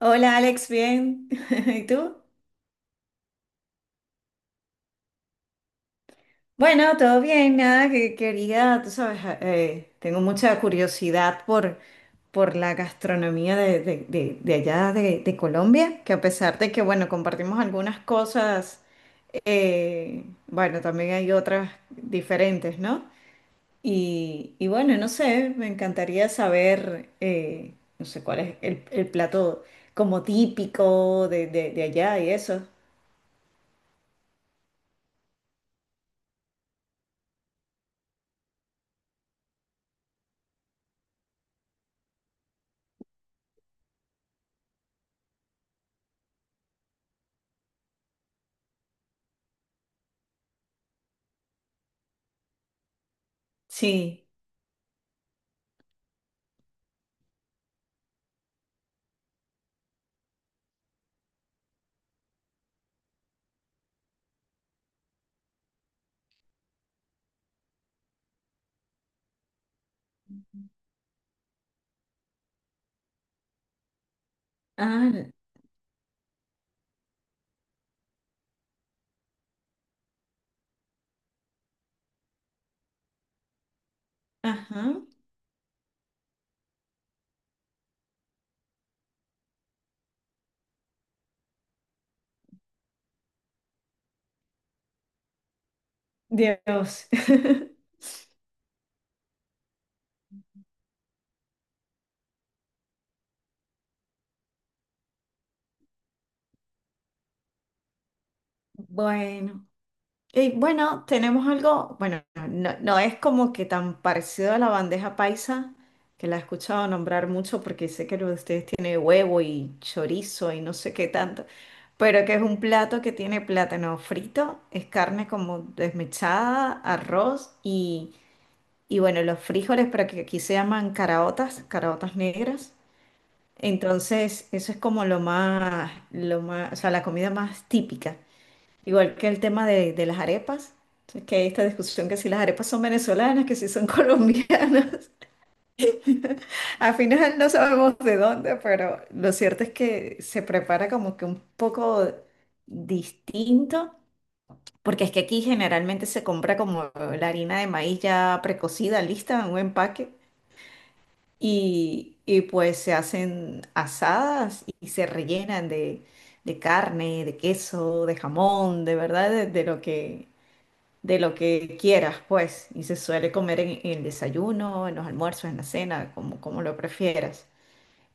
Hola Alex, bien. ¿Y tú? Bueno, todo bien, nada que quería, tú sabes, tengo mucha curiosidad por la gastronomía de allá de Colombia, que a pesar de que, bueno, compartimos algunas cosas, bueno, también hay otras diferentes, ¿no? Y bueno, no sé, me encantaría saber, no sé, cuál es el plato como típico de allá y eso. Sí. Ah, ajá. Dios. Bueno. Y bueno, tenemos algo, bueno, no, no es como que tan parecido a la bandeja paisa, que la he escuchado nombrar mucho porque sé que lo de ustedes tiene huevo y chorizo y no sé qué tanto, pero que es un plato que tiene plátano frito, es carne como desmechada, arroz y bueno, los frijoles, pero que aquí se llaman caraotas, caraotas negras. Entonces, eso es como lo más, o sea, la comida más típica. Igual que el tema de las arepas. Entonces, que hay esta discusión que si las arepas son venezolanas, que si son colombianas. Al final no sabemos de dónde, pero lo cierto es que se prepara como que un poco distinto, porque es que aquí generalmente se compra como la harina de maíz ya precocida, lista en un empaque. Pues se hacen asadas y se rellenan de carne, de queso, de jamón, de verdad, de lo que quieras, pues. Y se suele comer en el desayuno, en los almuerzos, en la cena, como lo prefieras.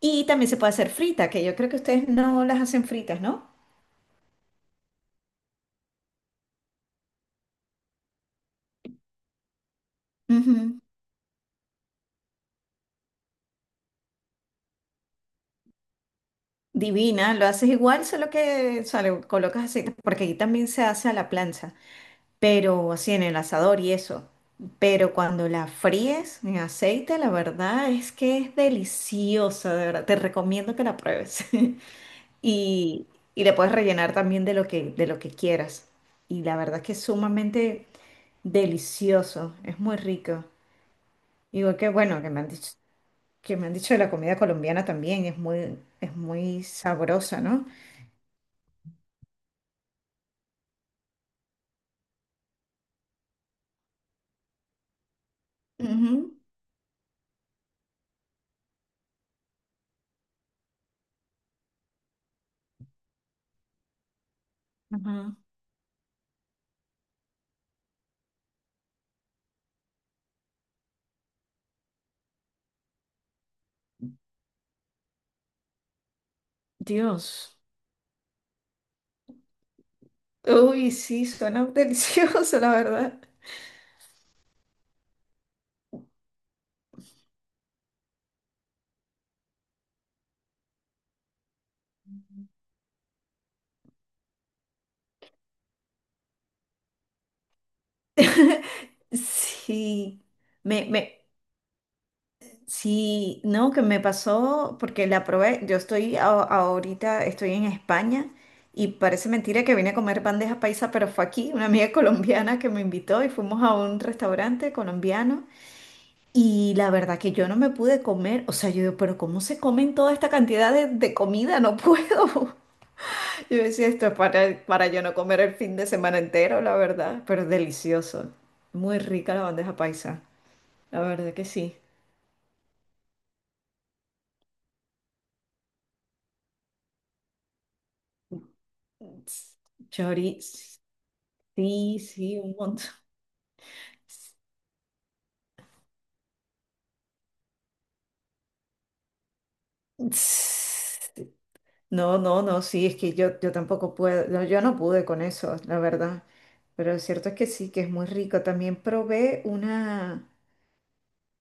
Y también se puede hacer frita, que yo creo que ustedes no las hacen fritas, ¿no? Ujú. Divina, lo haces igual, solo que, o sea, le colocas aceite, porque aquí también se hace a la plancha, pero así en el asador y eso. Pero cuando la fríes en aceite, la verdad es que es deliciosa, de verdad. Te recomiendo que la pruebes. Y, y le puedes rellenar también de lo que quieras. Y la verdad es que es sumamente delicioso, es muy rico. Igual que bueno, que me han dicho, que me han dicho de la comida colombiana también, es muy sabrosa, ¿no? Ujú, ujú. Dios. Uy, sí, suena delicioso, la verdad. Sí, me, me, sí, no, que me pasó porque la probé. Yo estoy ahorita, estoy en España y parece mentira que vine a comer bandeja paisa, pero fue aquí una amiga colombiana que me invitó y fuimos a un restaurante colombiano. Y la verdad que yo no me pude comer, o sea, yo digo, pero ¿cómo se comen toda esta cantidad de comida? No puedo. Yo decía, esto es para yo no comer el fin de semana entero, la verdad, pero delicioso. Muy rica la bandeja paisa. La verdad que sí. Chori, sí, sí, un montón. No, no, no, sí, es que yo tampoco puedo, no, yo no pude con eso, la verdad. Pero lo cierto es que sí, que es muy rico. También probé una,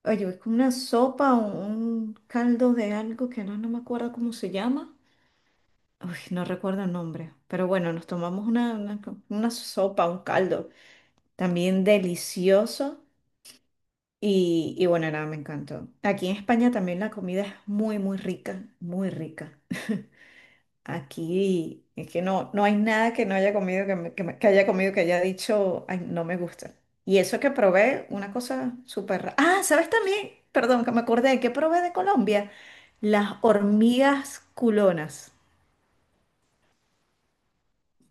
oye, es como una sopa o un caldo de algo que no, no me acuerdo cómo se llama. Uy, no recuerdo el nombre. Pero bueno, nos tomamos una sopa, un caldo. También delicioso. Y bueno, nada, me encantó. Aquí en España también la comida es muy, muy rica, muy rica. Aquí es que no, no hay nada que no haya comido, que, que haya comido, que haya dicho, ay, no me gusta. Y eso que probé, una cosa súper rara. Ah, ¿sabes también? Perdón, que me acordé, ¿que probé de Colombia? Las hormigas culonas.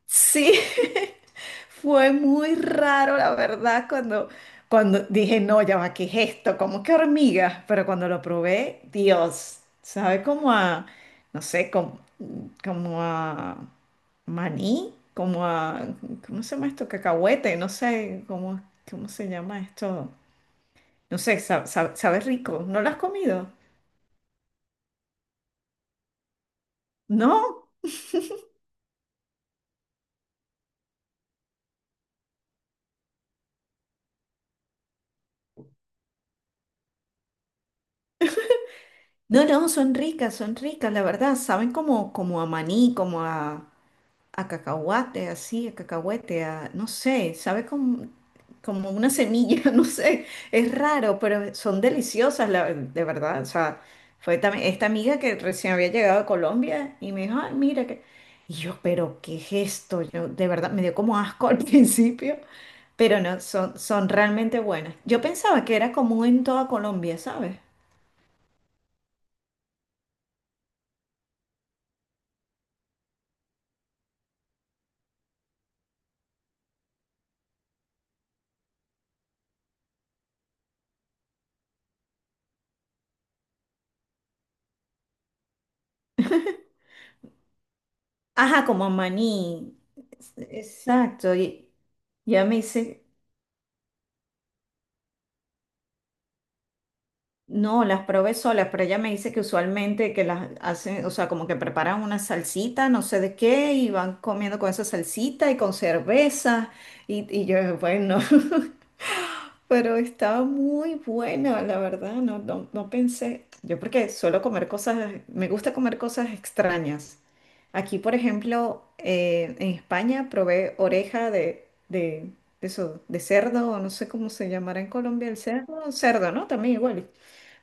Sí. Fue muy raro, la verdad, cuando dije, no, ya va, ¿qué es esto? ¿Cómo que hormigas? Pero cuando lo probé, Dios, sabe como a, no sé, como a maní, como a, ¿cómo se llama esto? Cacahuete, no sé, ¿cómo se llama esto? No sé, sabe rico. ¿No lo has comido? No, no, no, son ricas, la verdad, saben como a maní, como a... A cacahuate, así, a cacahuete, a, no sé, sabe como una semilla, no sé, es raro, pero son deliciosas, de verdad. O sea, fue también esta amiga que recién había llegado a Colombia y me dijo, ay, mira que... Y yo, pero ¿qué es esto? Yo, de verdad, me dio como asco al principio, pero no, son realmente buenas. Yo pensaba que era común en toda Colombia, ¿sabes? Ajá, como maní. Exacto. Y ya me hice, no, las probé solas, pero ella me dice que usualmente que las hacen, o sea, como que preparan una salsita, no sé de qué, y van comiendo con esa salsita y con cerveza, y yo, bueno, pero estaba muy buena, la verdad, no, no, no pensé, yo porque suelo comer cosas, me gusta comer cosas extrañas. Aquí, por ejemplo, en España probé oreja de, de eso, de cerdo, o no sé cómo se llamará en Colombia el cerdo, cerdo, ¿no? También igual.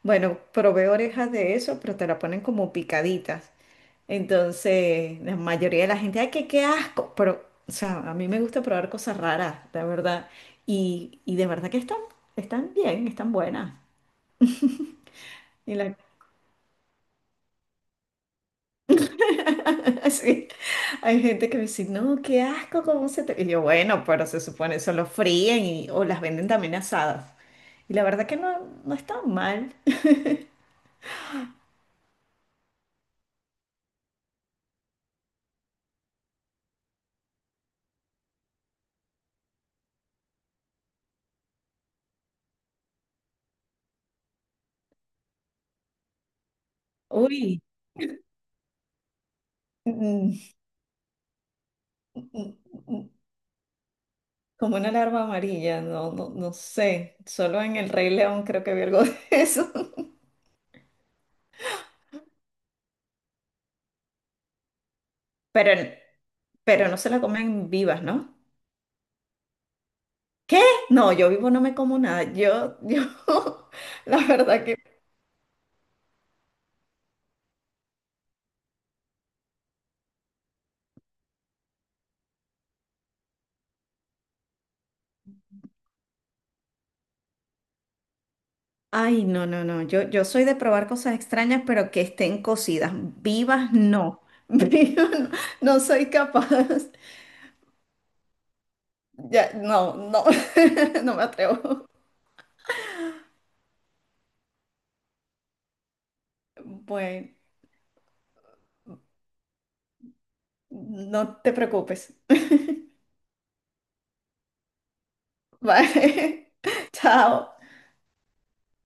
Bueno, probé orejas de eso, pero te la ponen como picaditas. Entonces, la mayoría de la gente, ay, qué asco. Pero, o sea, a mí me gusta probar cosas raras, la verdad. Y de verdad que están bien, están buenas. Y la, sí, hay gente que me dice, no, qué asco, ¿cómo se te...? Y yo, bueno, pero se supone, eso lo fríen y, o las venden también asadas. Y la verdad que no, no están mal. Uy. Mm, mm, mm. Como una alarma amarilla, no, no, no sé. Solo en El Rey León creo que vi algo de eso. Pero, pero no se la comen vivas, ¿no? ¿Qué? No, yo vivo no me como nada. Yo, la verdad que... Ay, no, no, no. Yo soy de probar cosas extrañas, pero que estén cocidas. Vivas, no. Vivas, no, no soy capaz. Ya, no, no, no me atrevo. Bueno, no te preocupes. Bye. Chao.